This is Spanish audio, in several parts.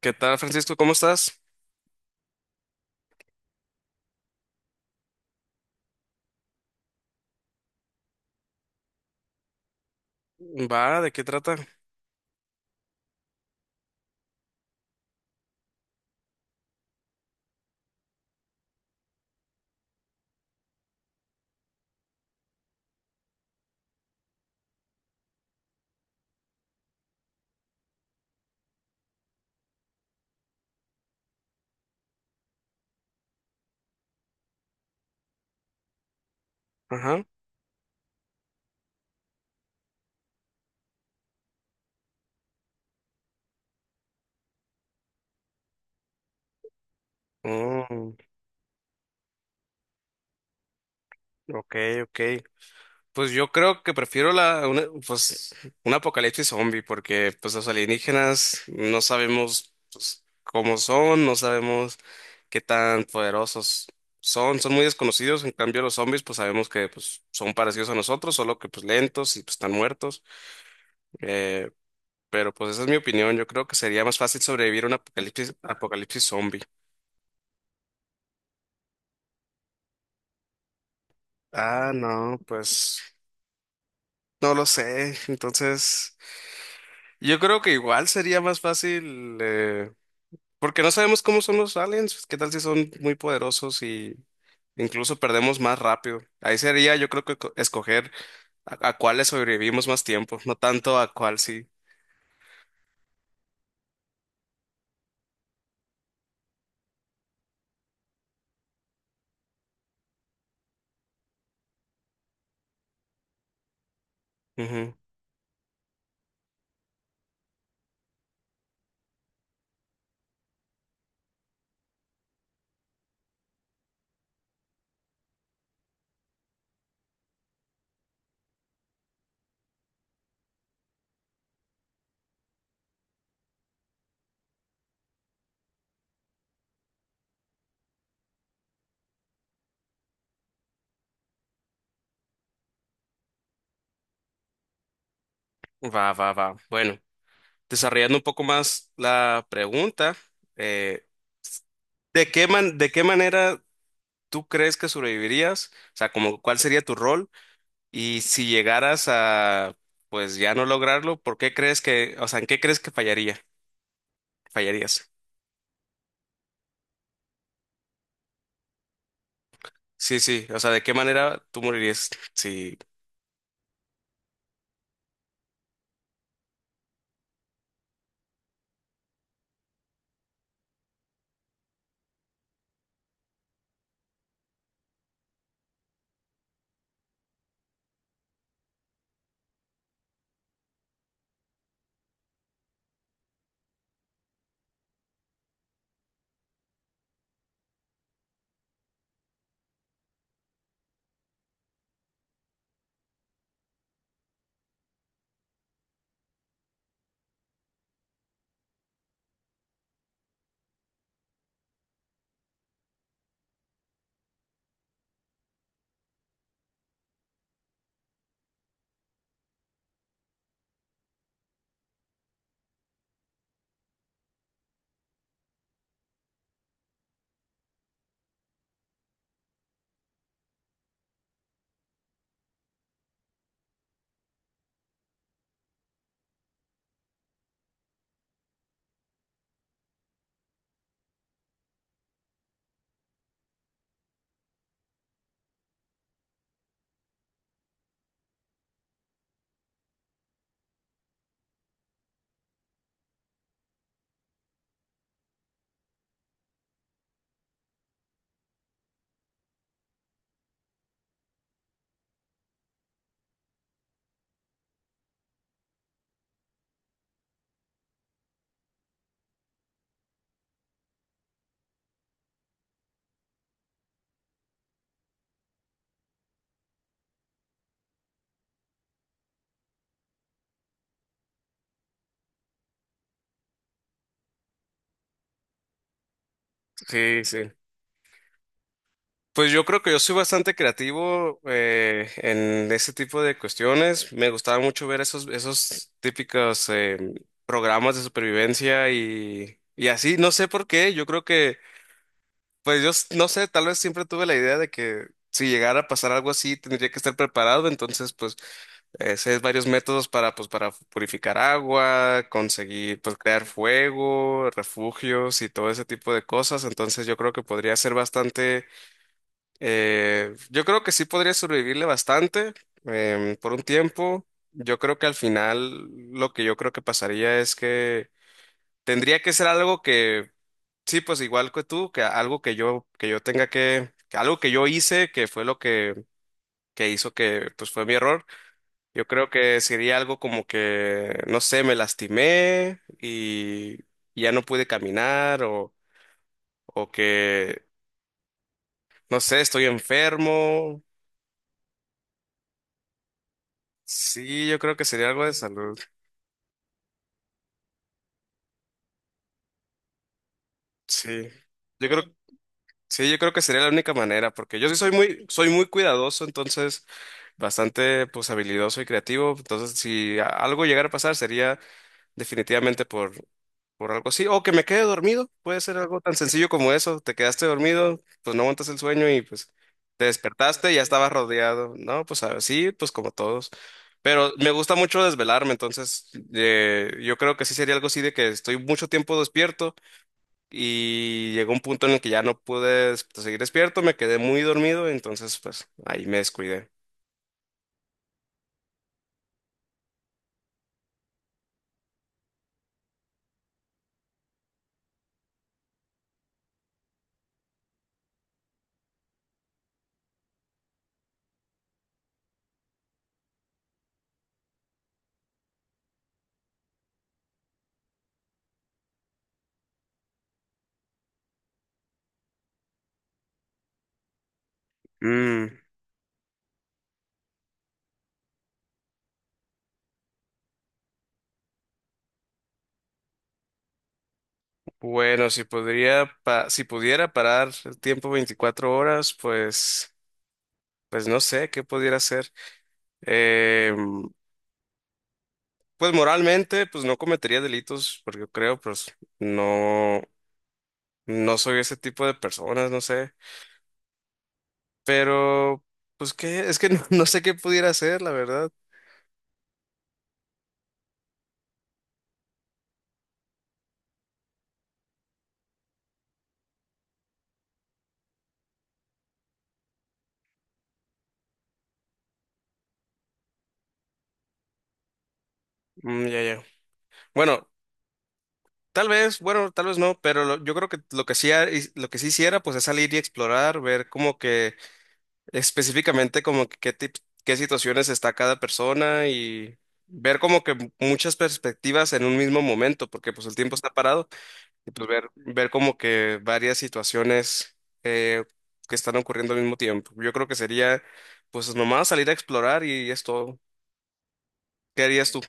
¿Qué tal, Francisco? ¿Cómo estás? Va, ¿de qué trata? Ajá. Oh, ok, ok. Pues yo creo que prefiero un apocalipsis zombie, porque pues los alienígenas no sabemos pues, cómo son, no sabemos qué tan poderosos son, son muy desconocidos. En cambio, los zombies, pues sabemos que pues, son parecidos a nosotros, solo que pues lentos y pues están muertos. Eh, pero pues esa es mi opinión. Yo creo que sería más fácil sobrevivir a un apocalipsis zombie. Ah, no, pues no lo sé. Entonces, yo creo que igual sería más fácil, porque no sabemos cómo son los aliens. ¿Qué tal si son muy poderosos y incluso perdemos más rápido? Ahí sería, yo creo que escoger a cuáles sobrevivimos más tiempo, no tanto a cuál sí. Ujú. Va, va, va. Bueno, desarrollando un poco más la pregunta, eh, ¿de qué manera tú crees que sobrevivirías? O sea, como, ¿cuál sería tu rol? Y si llegaras a, pues ya no lograrlo, ¿por qué crees que, o sea, en qué crees que fallaría? Fallarías. Sí, sí, o sea, ¿de qué manera tú morirías? Sí, sí, sí. Pues yo creo que yo soy bastante creativo en ese tipo de cuestiones. Me gustaba mucho ver esos típicos programas de supervivencia y así. No sé por qué. Yo creo que, pues yo no sé, tal vez siempre tuve la idea de que si llegara a pasar algo así, tendría que estar preparado. Entonces, pues ese es varios métodos para, pues, para purificar agua, conseguir, pues, crear fuego, refugios y todo ese tipo de cosas. Entonces yo creo que podría ser bastante, yo creo que sí podría sobrevivirle bastante por un tiempo. Yo creo que al final lo que yo creo que pasaría es que tendría que ser algo que, sí, pues igual que tú, que algo que yo tenga que algo que yo hice, que fue lo que hizo que, pues fue mi error. Yo creo que sería algo como que, no sé, me lastimé y ya no pude caminar o que, no sé, estoy enfermo. Sí, yo creo que sería algo de salud. Sí. Yo creo, sí, yo creo que sería la única manera, porque yo sí soy muy cuidadoso, entonces bastante pues habilidoso y creativo. Entonces, si a- algo llegara a pasar, sería definitivamente por algo así. O que me quede dormido, puede ser algo tan sencillo como eso. Te quedaste dormido, pues no aguantas el sueño y pues te despertaste y ya estabas rodeado. No, pues así, pues como todos. Pero me gusta mucho desvelarme, entonces yo creo que sí sería algo así de que estoy mucho tiempo despierto y llegó un punto en el que ya no seguir despierto, me quedé muy dormido, entonces pues ahí me descuidé. Mm. Bueno, si pudiera parar el tiempo 24 horas, pues, pues no sé qué pudiera hacer. Eh, pues moralmente, pues no cometería delitos, porque yo creo, pues no, no soy ese tipo de personas, no sé. Pero, pues qué, es que no, no sé qué pudiera hacer, la verdad. Mm, ya, ya. Bueno, bueno, tal vez no, pero yo creo que lo que sí, lo que sí hiciera, pues es salir y explorar, ver como que específicamente como que qué situaciones está cada persona y ver como que muchas perspectivas en un mismo momento, porque pues el tiempo está parado y pues ver, ver como que varias situaciones eh, que están ocurriendo al mismo tiempo. Yo creo que sería pues nomás salir a explorar y es todo. ¿Qué harías tú?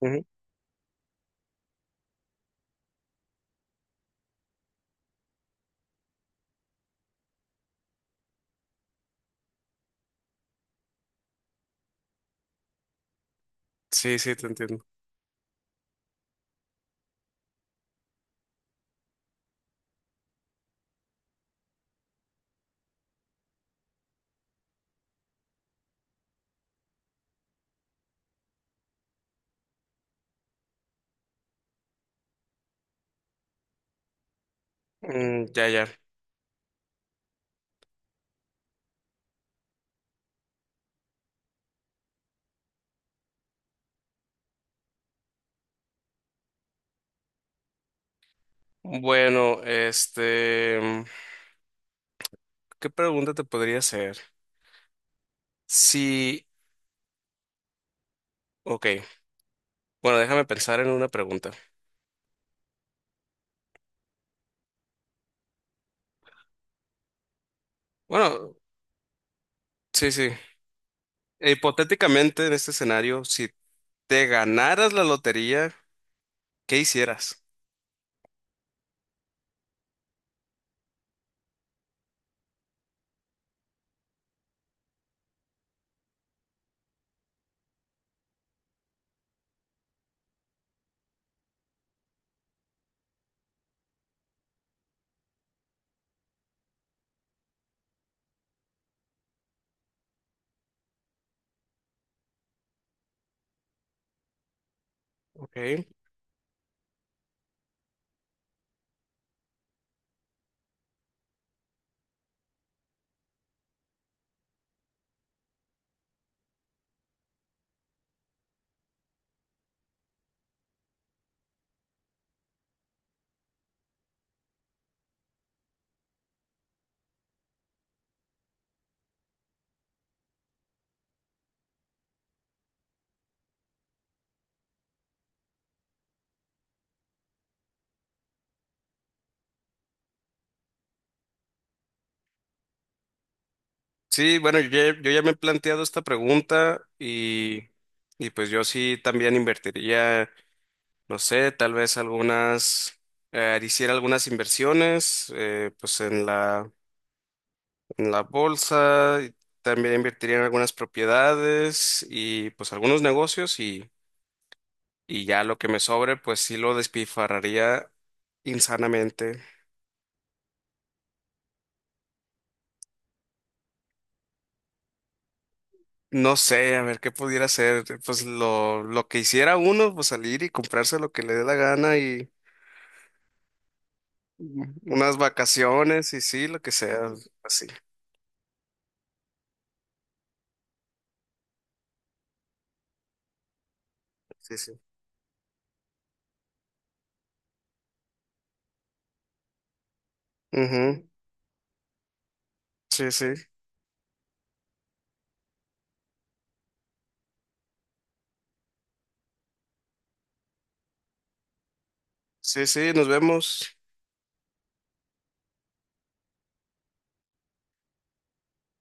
Ujú. Sí, sí, te entiendo. Mm, ya, ya. Bueno, este, mm, ¿qué pregunta te podría hacer? Sí, ok. Bueno, déjame pensar en una pregunta. Bueno, sí, sí. E hipotéticamente, en este escenario, si te ganaras la lotería, ¿qué hicieras? Ok. Sí, bueno, yo ya me he planteado esta pregunta y pues yo sí también invertiría, no sé, tal vez algunas, hiciera algunas inversiones, pues en la bolsa, y también invertiría en algunas propiedades y pues algunos negocios y ya lo que me sobre, pues sí lo despifarraría insanamente. No sé, a ver qué pudiera hacer. Pues lo que hiciera uno, pues salir y comprarse lo que le dé la gana y mm, unas vacaciones y sí, lo que sea, así. Sí, sí. Ujú, sí, sí. Sí, sí, nos vemos.